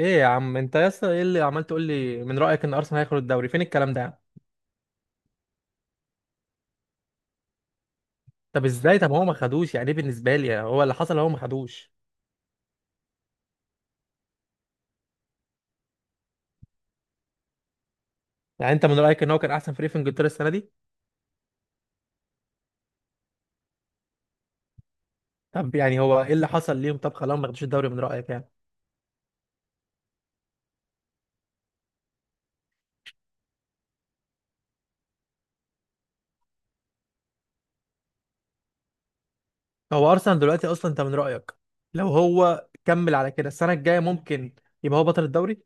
ايه يا عم؟ انت يا اسطى، ايه اللي عمال تقول لي، من رايك ان ارسنال هياخد الدوري؟ فين الكلام ده يا عم؟ طب ازاي؟ طب هو ما خدوش. يعني ايه بالنسبه لي هو اللي حصل؟ هو ما خدوش. يعني انت من رايك ان هو كان احسن فريق في انجلترا السنه دي؟ طب يعني هو ايه اللي حصل ليهم؟ طب خلاهم ما خدوش الدوري من رايك يعني؟ هو ارسنال دلوقتي اصلا انت من رايك، لو هو كمل على كده السنه الجايه ممكن يبقى هو بطل الدوري؟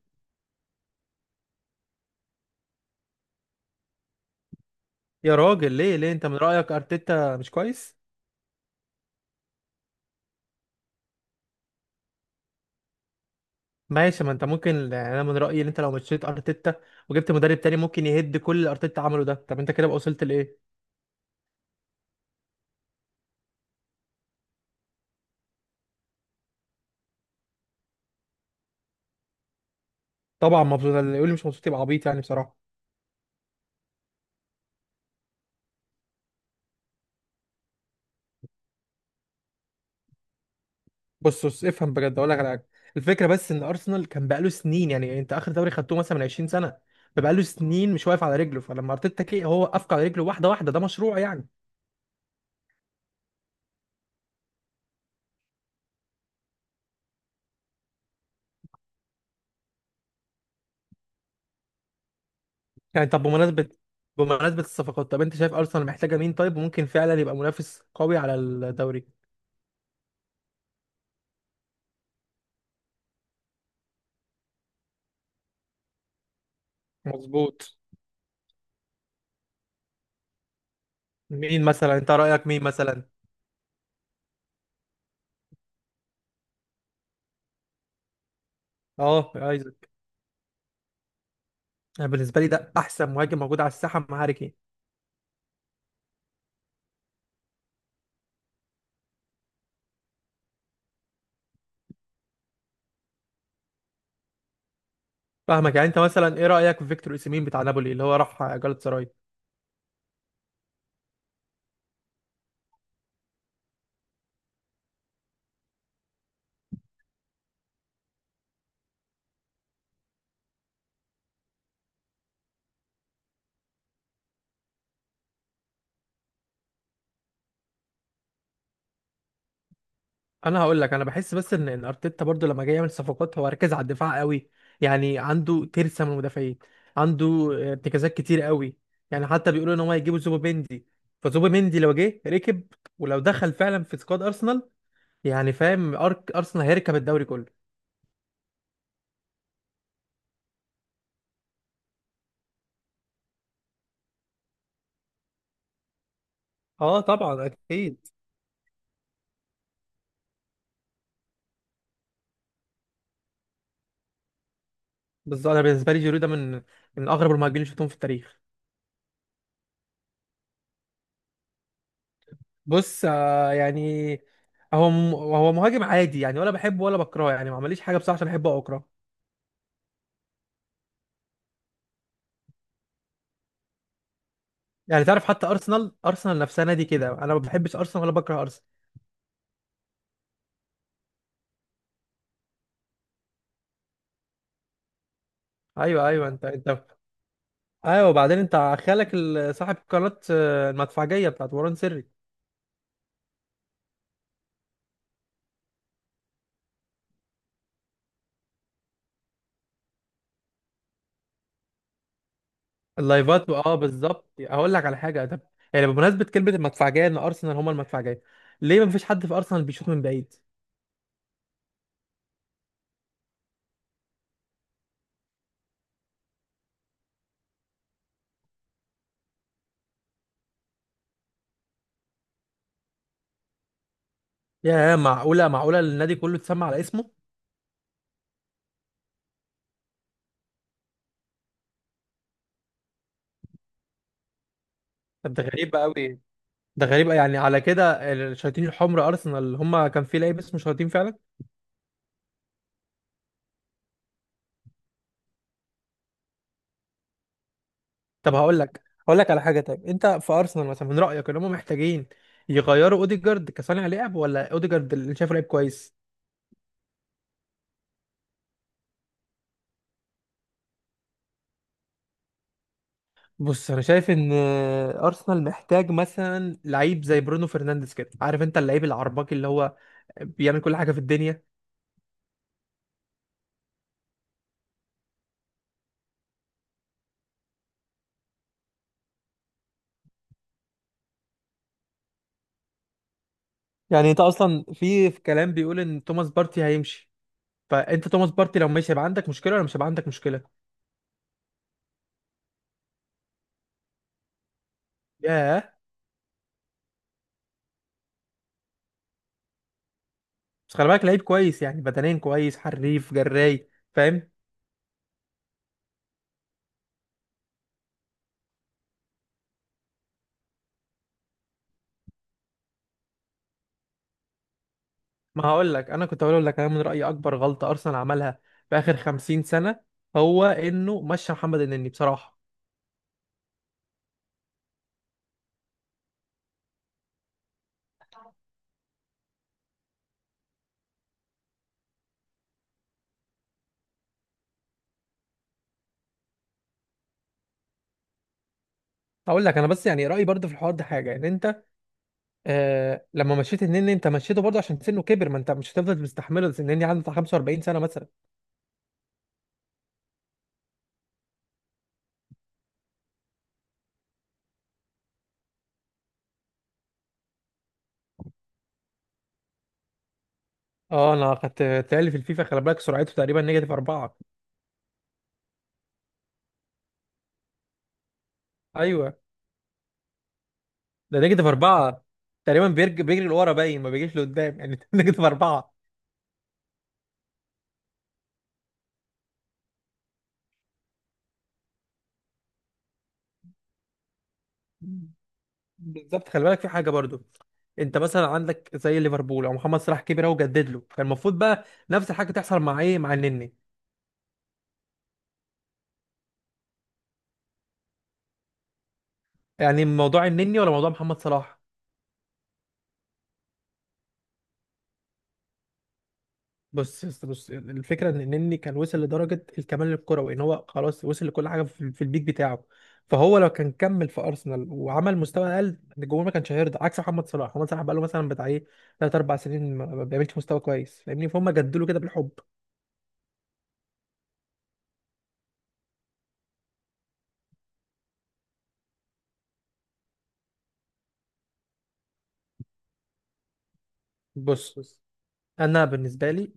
يا راجل، ليه ليه؟ انت من رايك ارتيتا مش كويس؟ ماشي، ما انت ممكن، يعني انا من رايي ان انت لو مشيت ارتيتا وجبت مدرب تاني ممكن يهد كل اللي ارتيتا عمله ده. طب انت كده بقى وصلت لايه؟ طبعا مبسوط، اللي يقول لي مش مبسوط يبقى عبيط يعني بصراحه. بص بص، افهم بجد، اقول لك على حاجه. الفكره بس ان ارسنال كان بقاله سنين، يعني انت اخر دوري خدته مثلا من 20 سنه، فبقاله سنين مش واقف على رجله، فلما ارتيتا كي هو وقفك على رجله، واحده واحده، ده مشروع يعني. يعني طب بمناسبه، بمناسبه الصفقات، طب انت شايف ارسنال محتاجه مين، طيب ممكن فعلا يبقى منافس قوي على الدوري؟ مظبوط. مين مثلا انت رايك، مين مثلا؟ اه ايزك، انا بالنسبه لي ده احسن مهاجم موجود على الساحه مع هاري كين. فاهمك. يعني انت مثلا ايه رايك في فيكتور اوسيمين بتاع نابولي اللي هو راح جالاتا سراي؟ انا هقول لك، انا بحس بس ان ارتيتا برضو لما جاي يعمل صفقات هو ركز على الدفاع قوي، يعني عنده ترسه من المدافعين، عنده ارتكازات كتير قوي. يعني حتى بيقولوا ان هم هيجيبوا زوبيمندي، فزوبيمندي لو جه ركب، ولو دخل فعلا في سكواد ارسنال، يعني فاهم أرك ارسنال هيركب الدوري كله. اه طبعا اكيد. بالظبط، انا بالنسبه لي جيرو ده من اغرب المهاجمين اللي شفتهم في التاريخ. بص، يعني، هو مهاجم عادي يعني، ولا بحبه ولا بكرهه، يعني ما عمليش حاجه بصراحه عشان احبه او اكرهه. يعني تعرف، حتى ارسنال نفسها نادي كده، انا ما بحبش ارسنال ولا بكره ارسنال. ايوه ايوه، انت انت، ايوه. وبعدين انت خالك صاحب قناه المدفعجيه بتاعت وران سري. اللايفات، اه بالظبط. هقول لك على حاجه. طب يعني بمناسبه كلمه المدفعجيه ان ارسنال هما المدفعجيه، ليه ما فيش حد في ارسنال بيشوط من بعيد؟ يا معقوله، معقوله النادي كله اتسمى على اسمه؟ طب ده غريب قوي. ده غريب، يعني على كده الشياطين الحمر ارسنال هما كان في لعيب اسمه شياطين فعلا. طب هقول لك على حاجه. طيب انت في ارسنال مثلا من رايك ان هم محتاجين يغيروا اوديجارد كصانع لعب، ولا اوديجارد اللي شايفه لعيب كويس؟ بص، انا شايف ان ارسنال محتاج مثلا لعيب زي برونو فرنانديز كده، عارف انت اللعيب العرباكي اللي هو بيعمل كل حاجه في الدنيا. يعني انت اصلا في كلام بيقول ان توماس بارتي هيمشي، فانت توماس بارتي لو ماشي هيبقى عندك مشكله، ولا مش هيبقى عندك مشكله؟ ياه. بس خلي بالك لعيب كويس، يعني بدنيا كويس، حريف جراي، فاهم. ما هقول لك، انا كنت هقول لك انا من رايي اكبر غلطه ارسنال عملها في اخر 50 سنه هو انه مشى محمد النني بصراحه. هقول لك انا بس، يعني رايي برضه في الحوار ده حاجه، ان انت آه، لما مشيت النني انت مشيته برضه عشان سنه كبر، ما انت مش هتفضل مستحمله، بس النني عنده بتاع 45 سنه مثلا. اه انا خدت تالي في الفيفا، خلي بالك سرعته تقريبا نيجاتيف اربعه، ايوه. ده نيجاتيف اربعه تقريبا، بيجري لورا باين ما بيجيش لقدام يعني نيجاتيف اربعه. بالظبط. خلي بالك في حاجه برضو، انت مثلا عندك زي ليفربول او محمد صلاح كبر اهو جدد له، كان المفروض بقى نفس الحاجه تحصل مع ايه، مع النني. يعني موضوع النني ولا موضوع محمد صلاح؟ بص يا اسطى، بص الفكره ان النني كان وصل لدرجه الكمال الكروي، ان هو خلاص وصل لكل حاجه في البيك بتاعه، فهو لو كان كمل في ارسنال وعمل مستوى اقل الجمهور ما كانش هيرضى. عكس محمد صلاح، محمد صلاح بقى له مثلا بتاع ايه 3 4 سنين ما بيعملش مستوى كويس فاهمني، فهم جددوا له كده بالحب. بص، انا بالنسبه لي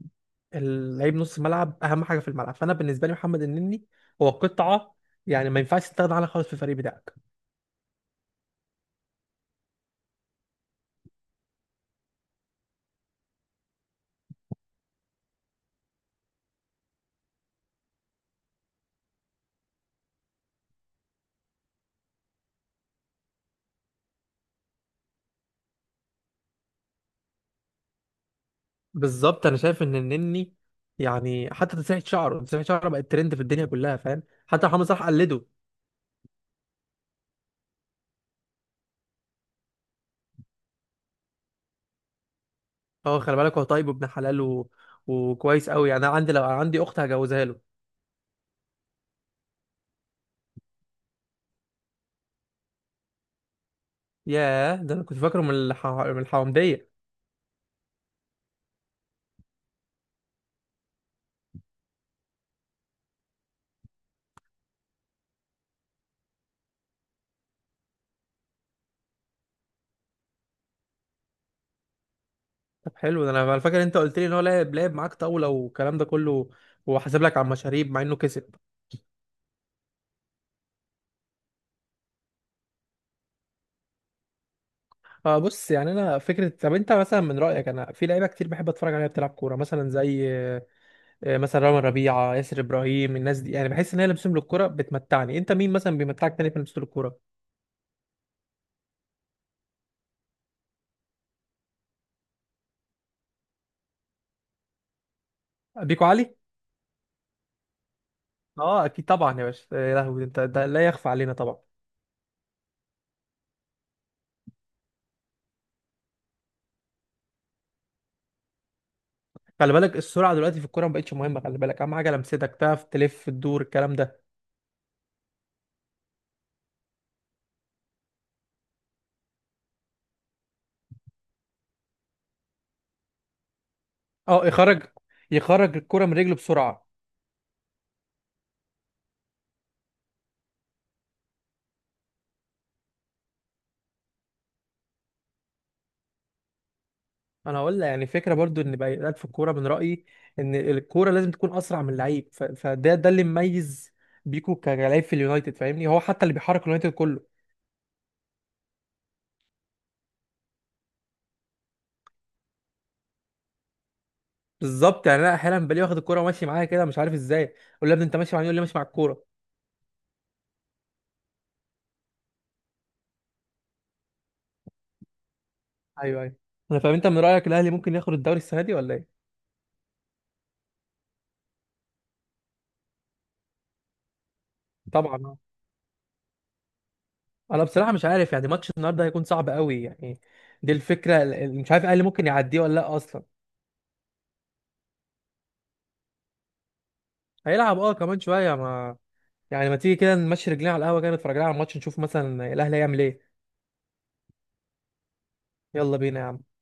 اللعيب نص الملعب اهم حاجه في الملعب، فانا بالنسبه لي محمد النني هو قطعه، يعني ما ينفعش تستغنى عنها خالص في الفريق بتاعك. بالظبط. انا شايف ان النني، يعني حتى تسريحه شعره بقت ترند في الدنيا كلها فاهم، حتى محمد صلاح قلده. هو خلي بالك هو طيب وابن حلال وكويس قوي يعني، انا عندي لو عندي اخت هجوزها له. ياه. ده انا كنت فاكره من من الحومديه. طب حلو ده، انا فاكر انت قلت لي ان هو لعب معاك طاوله والكلام ده كله، وحاسب لك على المشاريب مع انه كسب. اه بص، يعني انا فكره، طب انت مثلا من رايك، انا في لعيبه كتير بحب اتفرج عليها بتلعب كوره، مثلا زي مثلا رامي ربيعه، ياسر ابراهيم، الناس دي يعني بحس ان هي لمسهم للكوره بتمتعني. انت مين مثلا بيمتعك تاني في لمسه الكوره؟ بيكو علي. اه اكيد طبعا يا باشا، يا لهوي انت، ده لا يخفى علينا طبعا. خلي بالك السرعه دلوقتي في الكوره ما بقتش مهمه، خلي بالك اهم حاجه لمستك، تعرف تلف تدور، الكلام ده. اه، يخرج الكوره من رجله بسرعه. انا هقول لك، يعني فكره برضو ان بقى في الكوره، من رايي ان الكوره لازم تكون اسرع من اللعيب، فده ده اللي مميز بيكو كلاعب في اليونايتد فاهمني، هو حتى اللي بيحرك اليونايتد كله. بالظبط. يعني انا احيانا بلاقيه واخد الكوره وماشي معايا كده، مش عارف ازاي، اقول له يا ابني انت ماشي معايا، يقول لي ماشي مع الكوره. ايوه ايوه، انا فاهم. انت من رايك الاهلي ممكن ياخد الدوري السنه دي ولا ايه؟ طبعا آه. انا بصراحه مش عارف، يعني ماتش النهارده هيكون صعب قوي يعني. دي الفكره مش عارف الاهلي ممكن يعديه ولا لا اصلا. هيلعب اه كمان شويه، ما يعني ما تيجي كده نمشي رجلينا على القهوه، كده نتفرج لنا على الماتش، نشوف مثلا الاهلي هيعمل ايه. يلا بينا يا عم.